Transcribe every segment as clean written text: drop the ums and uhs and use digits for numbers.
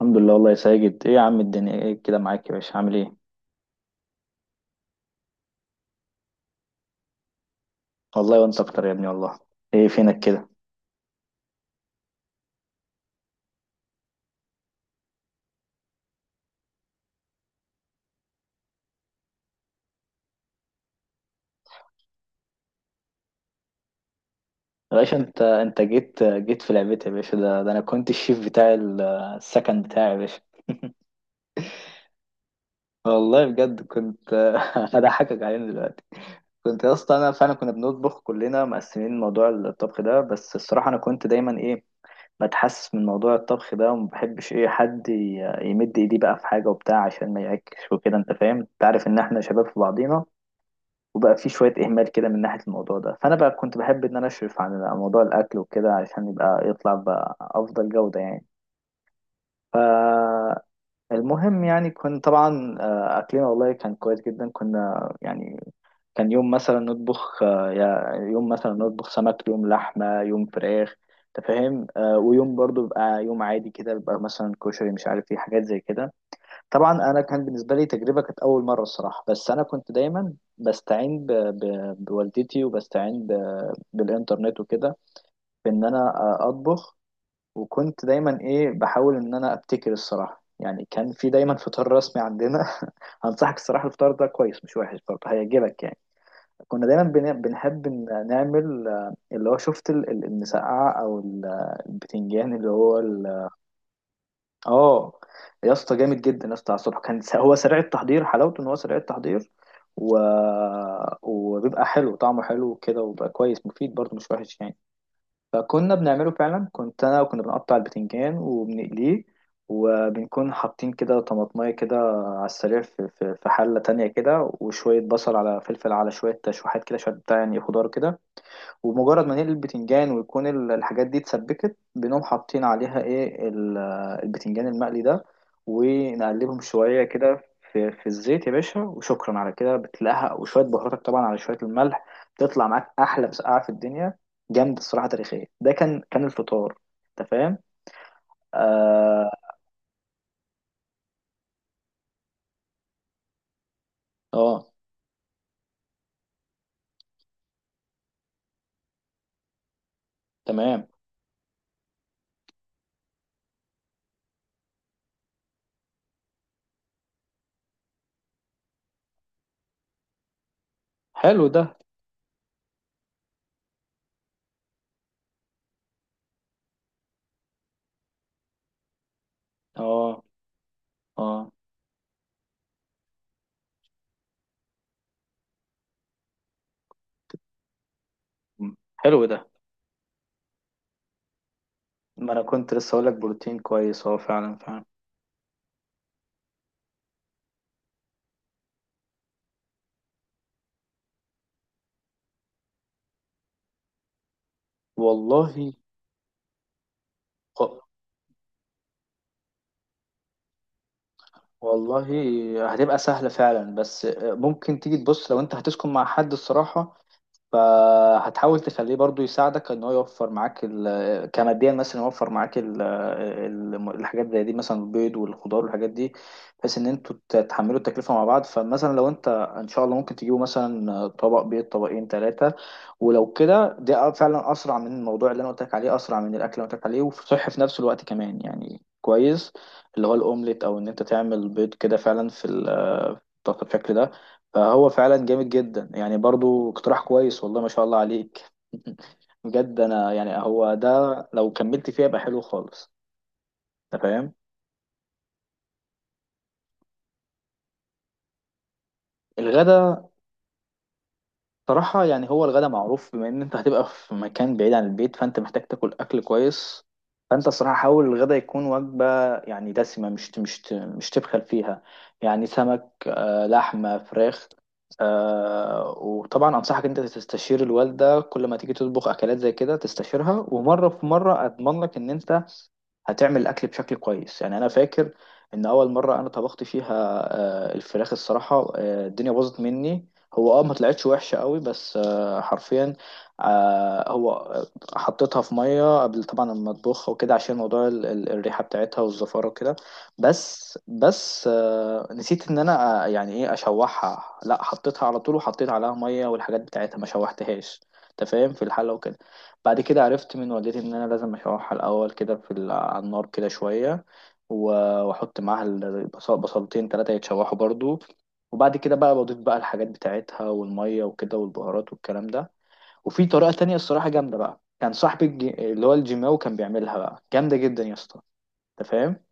الحمد لله والله يا ساجد، ايه يا عم الدنيا ايه كده؟ معاك يا باشا، عامل ايه؟ والله وانت اكتر يا ابني والله. ايه فينك كده؟ يا باشا، انت جيت في لعبتي يا باشا. ده انا كنت الشيف بتاع السكن بتاعي يا باشا. والله بجد كنت هضحكك علينا دلوقتي. كنت يا اسطى انا فعلا، كنا بنطبخ كلنا مقسمين موضوع الطبخ ده، بس الصراحه انا كنت دايما ايه بتحسس من موضوع الطبخ ده، وما بحبش ايه حد يمد ايديه بقى في حاجه وبتاع عشان ما يعكش، وكده انت فاهم، انت عارف ان احنا شباب في بعضينا وبقى في شوية إهمال كده من ناحية الموضوع ده. فأنا بقى كنت بحب إن أنا أشرف عن موضوع الأكل وكده علشان يبقى يطلع بأفضل جودة يعني. فالمهم يعني كنت طبعا أكلنا والله كان كويس جدا، كنا يعني كان يوم مثلا نطبخ يوم مثلا نطبخ سمك، يوم لحمة، يوم فراخ. أنت فاهم؟ ويوم برضو بقى يوم عادي كده، بيبقى مثلا كشري، مش عارف ايه حاجات زي كده. طبعا انا كان بالنسبه لي تجربه، كانت اول مره الصراحه. بس انا كنت دايما بستعين بوالدتي، وبستعين بالانترنت وكده في ان انا اطبخ. وكنت دايما ايه بحاول ان انا ابتكر الصراحه يعني. كان في دايما فطار رسمي عندنا هنصحك الصراحه الفطار ده كويس، مش وحش برضه، هيعجبك يعني. كنا دايما بنحب إن نعمل اللي هو شفت المسقعه، او البتنجان اللي هو اه. يا اسطى جامد جدا يا اسطى، على الصبح كان هو سريع التحضير، حلاوته ان هو سريع التحضير. و... وبيبقى حلو، طعمه حلو كده، وبقى كويس مفيد برضه، مش وحش يعني. فكنا بنعمله فعلا، كنت انا وكنا بنقطع البتنجان وبنقليه، وبنكون حاطين كده طماطمية كده على السريع في حلة تانية كده، وشوية بصل على فلفل على شوية تشويحات كده، شوية بتاع يعني خضار كده. ومجرد ما نقلي البتنجان ويكون الحاجات دي اتسبكت، بنقوم حاطين عليها ايه البتنجان المقلي ده، ونقلبهم شوية كده في الزيت يا باشا، وشكرا على كده بتلاقيها وشوية بهاراتك طبعا على شوية الملح، بتطلع معاك أحلى مسقعة في الدنيا. جامدة الصراحة تاريخية، ده كان الفطار. أنت فاهم؟ آه. آه. تمام. حلو ده. آه. آه. م. حلو ده. ما أنا كنت لسه هقولك بروتين كويس، أه فعلا فعلا. والله. والله هتبقى سهلة فعلا، بس ممكن تيجي تبص لو انت هتسكن مع حد الصراحة، فهتحاول تخليه برضو يساعدك ان هو يوفر معاك كماديا، مثلا يوفر معاك الحاجات زي دي مثلا البيض والخضار والحاجات دي، بحيث ان انتوا تتحملوا التكلفه مع بعض. فمثلا لو انت ان شاء الله، ممكن تجيبوا مثلا طبق بيض، طبقين ثلاثه. ولو كده، ده فعلا اسرع من الموضوع اللي انا قلت لك عليه، اسرع من الاكل اللي أنا قلت لك عليه، وصحي في نفس الوقت كمان يعني كويس. اللي هو الاومليت، او ان انت تعمل بيض كده فعلا في بالشكل ده، فهو فعلا جامد جدا يعني، برضو اقتراح كويس والله، ما شاء الله عليك بجد انا يعني هو ده، لو كملت فيها يبقى حلو خالص. انت فاهم؟ الغدا؟ صراحة يعني هو الغدا معروف، بما ان انت هتبقى في مكان بعيد عن البيت، فانت محتاج تاكل اكل كويس. فانت الصراحة حاول الغدا يكون وجبة يعني دسمة، مش تبخل فيها. يعني سمك، لحمة، فراخ. وطبعا انصحك انت تستشير الوالدة كل ما تيجي تطبخ اكلات زي كده، تستشيرها ومرة في مرة اضمن لك ان انت هتعمل الاكل بشكل كويس يعني. انا فاكر ان اول مره انا طبخت فيها الفراخ الصراحه، الدنيا باظت مني. هو اه، ما طلعتش وحشه قوي، بس حرفيا هو حطيتها في ميه قبل طبعا ما اطبخها وكده، عشان موضوع الريحه بتاعتها والزفاره وكده. بس نسيت ان انا يعني ايه اشوحها، لا حطيتها على طول وحطيت عليها ميه والحاجات بتاعتها، ما شوحتهاش. انت فاهم، في الحله وكده. بعد كده عرفت من والدتي ان انا لازم اشوحها الاول كده في على النار كده شويه، و- واحط معاها البصل بصلتين ثلاثه يتشوحوا برضو. وبعد كده بقى بضيف بقى الحاجات بتاعتها والميه وكده، والبهارات والكلام ده. وفي طريقه تانية الصراحه جامده بقى، كان صاحبي اللي هو الجيماوي كان بيعملها بقى جامده جدا يا اسطى، انت فاهم.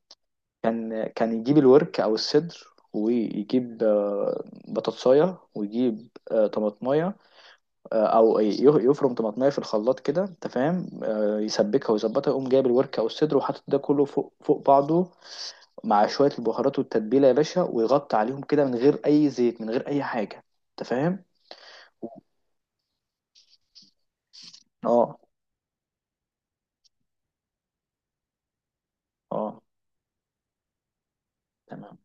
كان يجيب الورك او الصدر، ويجيب بطاطسايه، ويجيب طماطمايه، او يفرم طماطمايه في الخلاط كده انت فاهم، يسبكها ويظبطها، يقوم جايب الورك او الصدر وحاطط ده كله فوق فوق بعضه، مع شويه البهارات والتتبيله يا باشا، ويغطي عليهم كده من غير اي زيت من غير اي حاجه. انت فاهم؟ اه. اه تمام.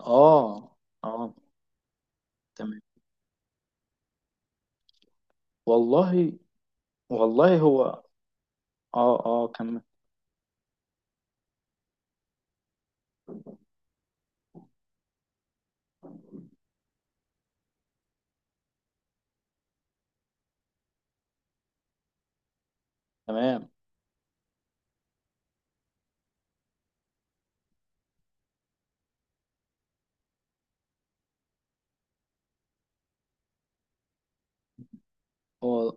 اه. اه تمام. والله. والله هو. اه، اه كمل. تمام. هو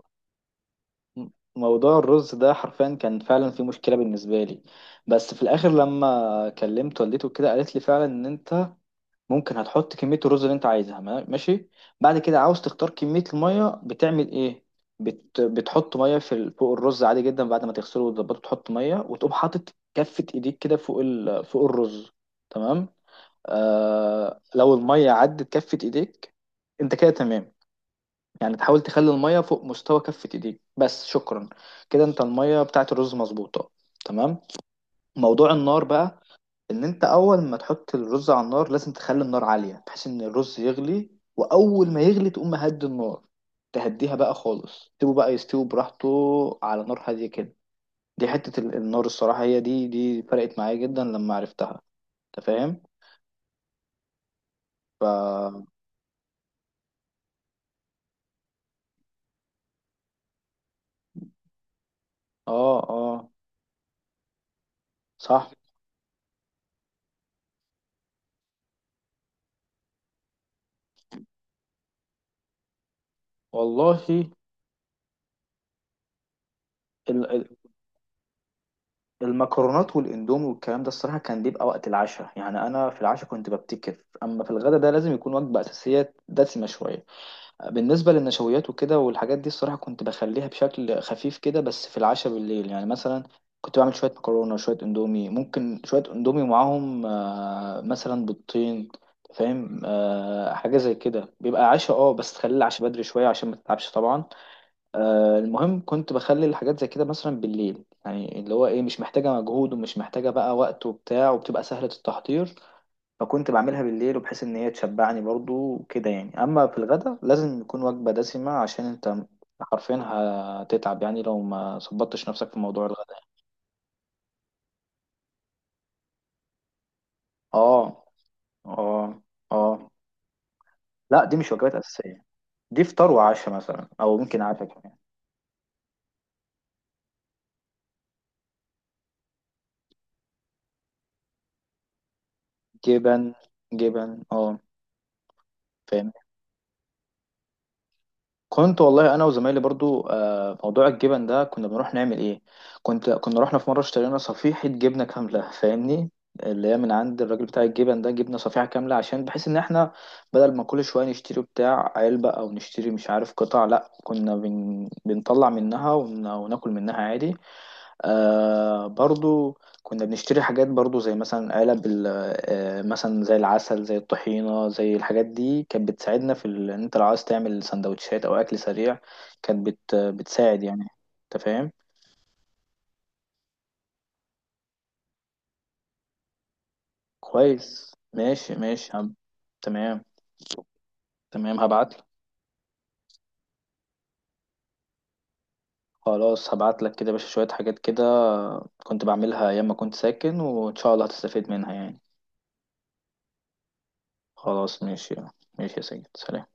م- موضوع الرز ده حرفيا كان فعلا في مشكلة بالنسبة لي. بس في الآخر لما كلمت والدته كده، قالت لي فعلا إن أنت ممكن هتحط كمية الرز اللي انت عايزها، ماشي. بعد كده عاوز تختار كمية المية، بتعمل ايه؟ بتحط مية في فوق الرز عادي جدا، بعد ما تغسله وتظبطه تحط مية، وتقوم حاطط كفة ايديك كده فوق فوق الرز، تمام؟ لو المية عدت كفة ايديك انت كده تمام. يعني تحاول تخلي المية فوق مستوى كفة ايديك بس، شكرا. كده انت المية بتاعت الرز مظبوطة، تمام. موضوع النار بقى، ان انت اول ما تحط الرز على النار لازم تخلي النار عالية بحيث ان الرز يغلي، واول ما يغلي تقوم مهدي النار، تهديها بقى خالص، تسيبه بقى يستوي براحته على نار هادية كده. دي حتة النار الصراحة، هي دي فرقت معايا جدا لما عرفتها. انت فاهم؟ ف اه. اه صح والله. ال- ال- المكرونات والاندومي والكلام ده الصراحة كان بيبقى وقت العشاء يعني، انا في العشاء كنت ببتكر، اما في الغدا ده لازم يكون وجبة اساسية دسمة شوية. بالنسبة للنشويات وكده والحاجات دي الصراحة كنت بخليها بشكل خفيف كده، بس في العشاء بالليل يعني مثلا كنت بعمل شوية مكرونة، شوية اندومي، ممكن شوية اندومي معاهم مثلا بيضتين. فاهم؟ آه، حاجة زي كده بيبقى عشاء اه، بس تخلي العشاء بدري شوية عشان ما تتعبش طبعا. المهم كنت بخلي الحاجات زي كده مثلا بالليل يعني، اللي هو ايه مش محتاجة مجهود ومش محتاجة بقى وقت وبتاع، وبتبقى سهلة التحضير. فكنت بعملها بالليل، وبحيث ان هي تشبعني برضو وكده يعني. اما في الغدا لازم يكون وجبة دسمة عشان انت حرفيا هتتعب، يعني لو ما ظبطتش نفسك في موضوع الغدا يعني. اه. اه. اه، لا دي مش وجبات اساسية. دي فطار وعشاء مثلا، او ممكن عشاء كمان. جبن. جبن اه. فاهم؟ كنت والله انا وزمايلي برضو موضوع الجبن ده كنا بنروح نعمل ايه، كنت كنا رحنا في مره اشترينا صفيحه جبنه كامله، فاهمني؟ اللي هي من عند الراجل بتاع الجبن ده، جبنه صفيحه كامله، عشان بحيث ان احنا بدل ما كل شويه نشتري بتاع علبه او نشتري مش عارف قطع، لا كنا بنطلع منها وناكل منها عادي. آه، برضو كنا بنشتري حاجات برضو زي مثلا علب آه مثلا زي العسل، زي الطحينة، زي الحاجات دي كانت بتساعدنا في ان انت لو عايز تعمل سندوتشات او اكل سريع كانت بتساعد يعني. انت فاهم؟ كويس ماشي ماشي. هم. تمام. تمام هبعت لك. خلاص هبعت لك كده يا باشا شوية حاجات كده، كنت بعملها ايام ما كنت ساكن، وان شاء الله هتستفيد منها يعني. خلاص ماشي. ماشي يا سيد سلام.